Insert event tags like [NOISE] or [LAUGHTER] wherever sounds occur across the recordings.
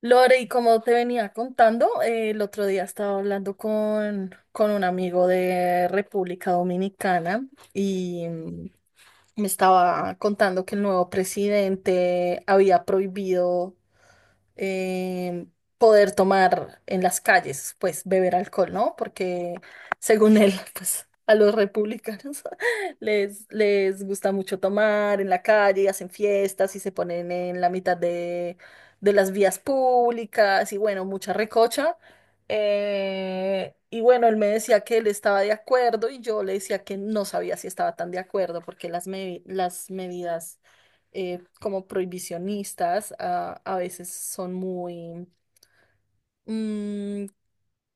Lore, y como te venía contando, el otro día estaba hablando con un amigo de República Dominicana y me estaba contando que el nuevo presidente había prohibido eh, poder tomar en las calles, pues beber alcohol, ¿no? Porque según él, [LAUGHS] pues a los republicanos [LAUGHS] les gusta mucho tomar en la calle, hacen fiestas y se ponen en la mitad de las vías públicas y bueno, mucha recocha. Y bueno, él me decía que él estaba de acuerdo y yo le decía que no sabía si estaba tan de acuerdo porque las medidas como prohibicionistas a veces son muy, mm,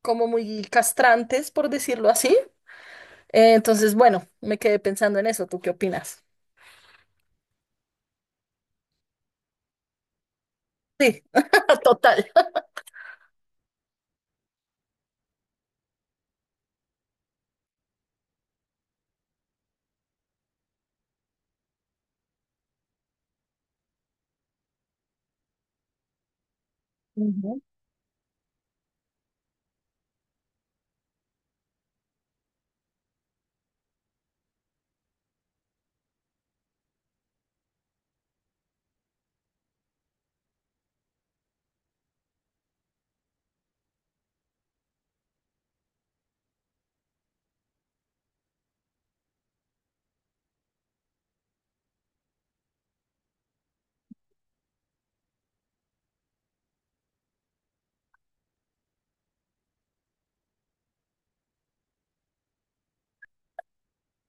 como muy castrantes, por decirlo así. Entonces, bueno, me quedé pensando en eso. ¿Tú qué opinas? Sí, [LAUGHS] total. Ujú.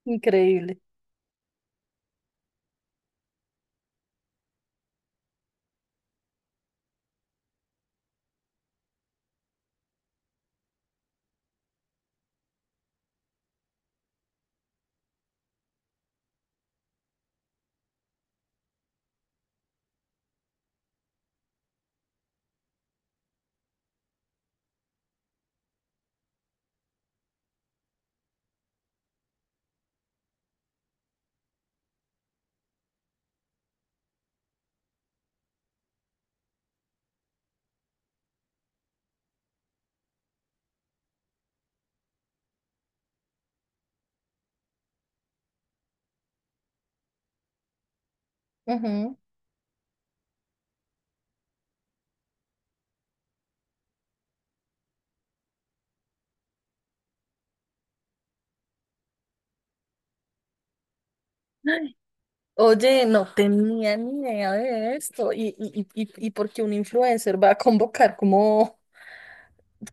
Increíble. Ujú. Oye, no tenía ni idea de esto. ¿Y por qué un influencer va a convocar como,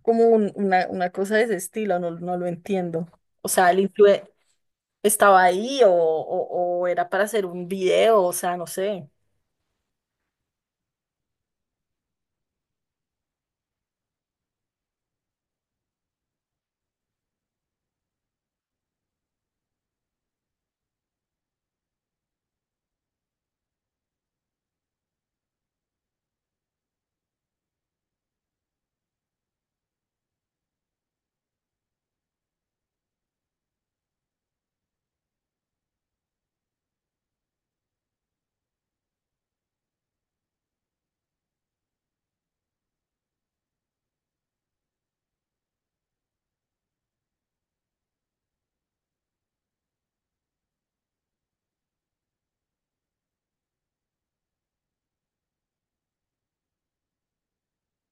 como un- una, una cosa de ese estilo? No, no lo entiendo. O sea, ¿el influencer estaba ahí o era para hacer un video? O sea, no sé.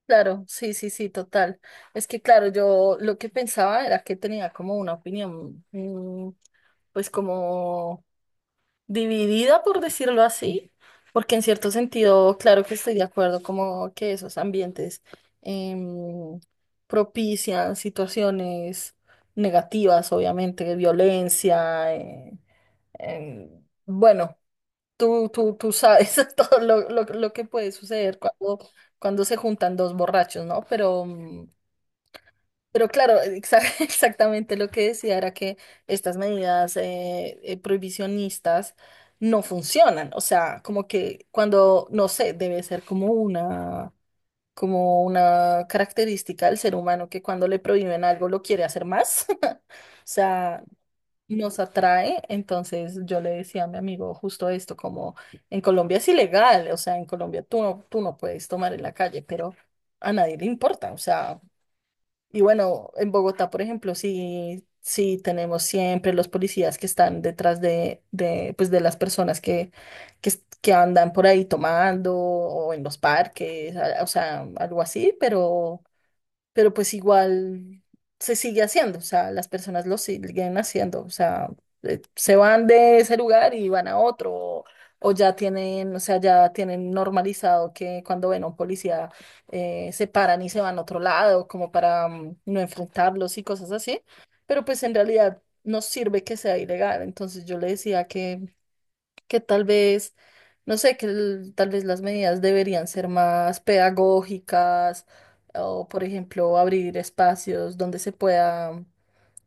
Claro, sí, sí, sí, total. Es que, claro, yo lo que pensaba era que tenía como una opinión, pues como dividida, por decirlo así, porque en cierto sentido, claro que estoy de acuerdo, como que esos ambientes em, propician situaciones negativas, obviamente, violencia, bueno, tú sabes [LAUGHS] todo lo que puede suceder cuando se juntan dos borrachos, ¿no? Pero claro, [LAUGHS] exactamente lo que decía era que estas medidas prohibicionistas no funcionan. O sea, como que cuando, no sé, debe ser como una característica del ser humano que cuando le prohíben algo lo quiere hacer más. [LAUGHS] O sea, nos atrae. Entonces yo le decía a mi amigo justo esto, como en Colombia es ilegal, o sea, en Colombia tú no puedes tomar en la calle, pero a nadie le importa. O sea... Y bueno, en Bogotá, por ejemplo, sí, sí tenemos siempre los policías que están detrás pues de las personas que andan por ahí tomando o en los parques, o sea, algo así, pero pues igual se sigue haciendo, o sea, las personas lo siguen haciendo, o sea, se van de ese lugar y van a otro, o ya tienen, o sea, ya tienen normalizado que cuando ven a un policía se paran y se van a otro lado, como para no enfrentarlos y cosas así, pero pues en realidad no sirve que sea ilegal, entonces yo le decía que tal vez, no sé, tal vez las medidas deberían ser más pedagógicas o, por ejemplo, abrir espacios donde se pueda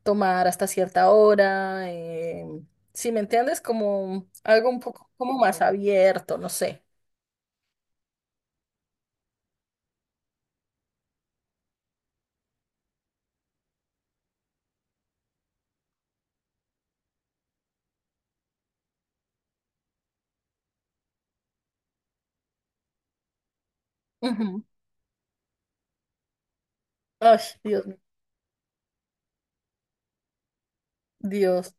tomar hasta cierta hora. Si me entiendes, como algo un poco como más abierto, no sé. Ujú. Ay, Dios, Dios.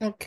Ok,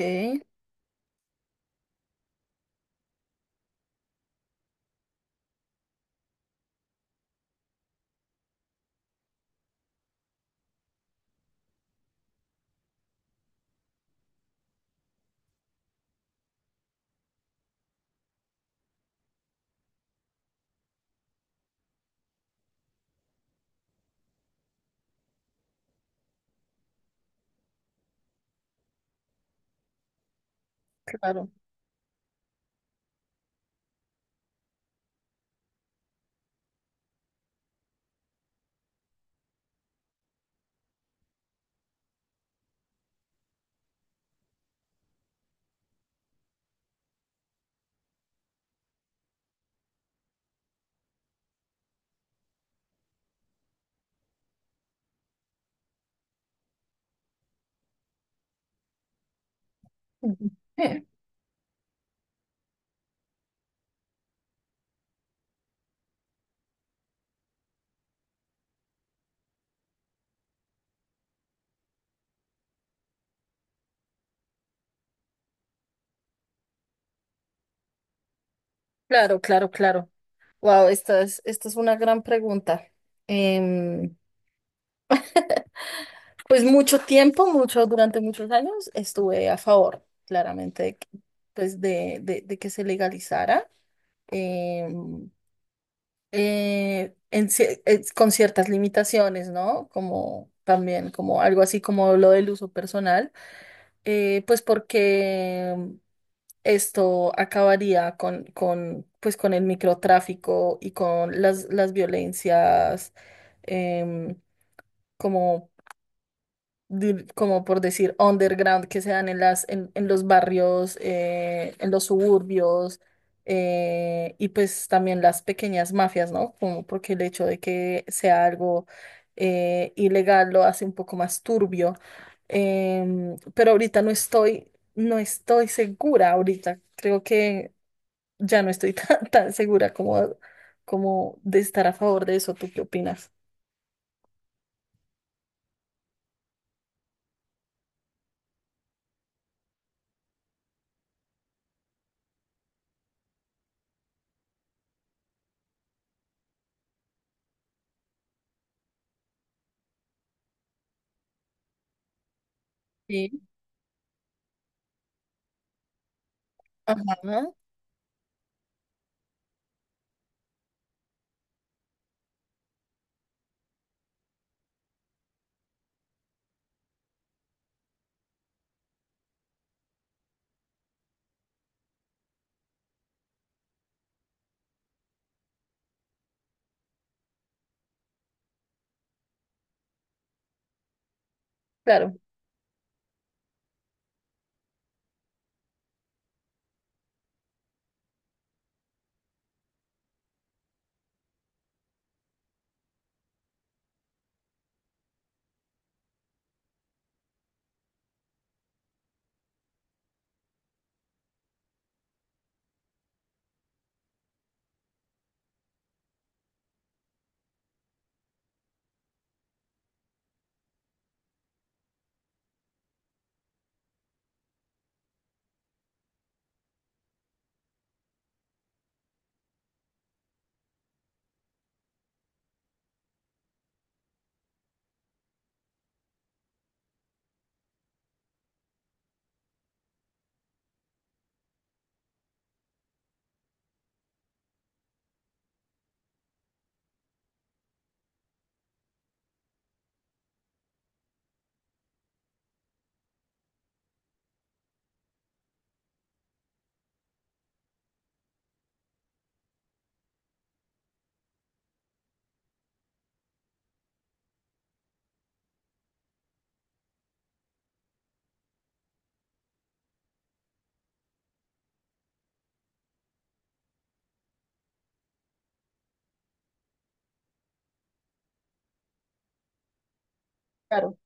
claro. Ujú. [LAUGHS] Claro, claro, claro. Wow, esta es una gran pregunta. Em, Pues mucho tiempo, mucho, durante muchos años estuve a favor, claramente, pues de que se legalizara, em, con ciertas limitaciones, ¿no? Como también, como algo así como lo del uso personal, pues porque esto acabaría pues con el microtráfico y con las violencias, em, como como por decir, underground que se dan en en los barrios, en los suburbios, y pues también las pequeñas mafias, ¿no? Como porque el hecho de que sea algo ilegal lo hace un poco más turbio. Pero ahorita no estoy segura ahorita. Creo que ya no estoy [LAUGHS] tan segura como, como de estar a favor de eso. ¿Tú qué opinas? Sí. Ajá, claro, claro.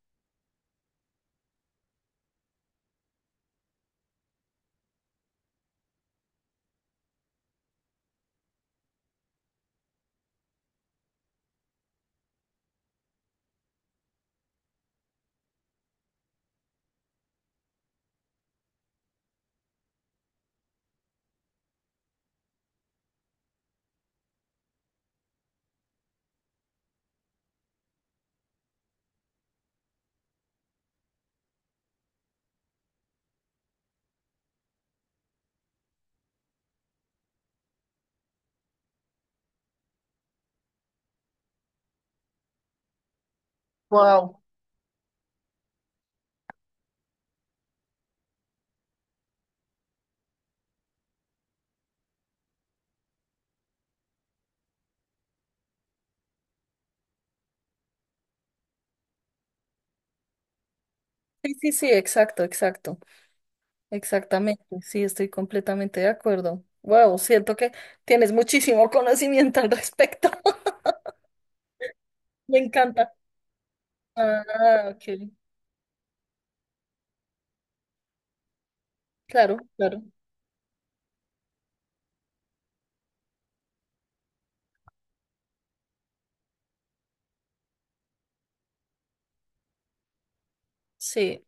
Wow. Sí, sí, sí, exacto, exacto, exactamente. Sí, estoy completamente de acuerdo. Wow, siento que tienes muchísimo [LAUGHS] conocimiento al respecto. [LAUGHS] Me encanta. Ah, ok. Claro, claro. Sí,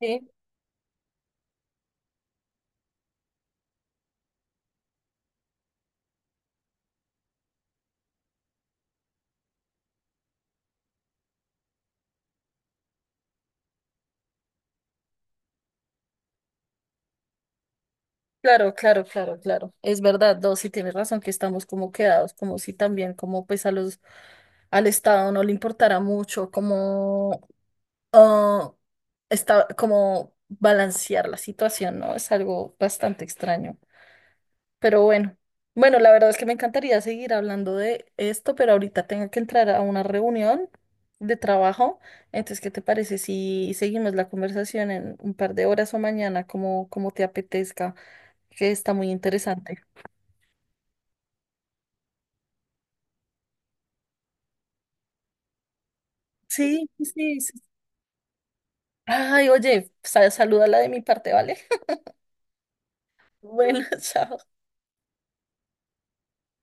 sí. Claro, claro, claro, claro. Es verdad, dos, sí tienes razón que estamos como quedados, como si también como pues a los al Estado no le importara mucho como ah, como balancear la situación, ¿no? Es algo bastante extraño. Pero bueno, bueno, la verdad es que me encantaría seguir hablando de esto, pero ahorita tengo que entrar a una reunión de trabajo. Entonces, ¿qué te parece si seguimos la conversación en un par de horas o mañana, como te apetezca? Que está muy interesante. Sí, sí, sí. Ay, oye, salúdala de mi parte, ¿vale? Bueno, [LAUGHS] chao.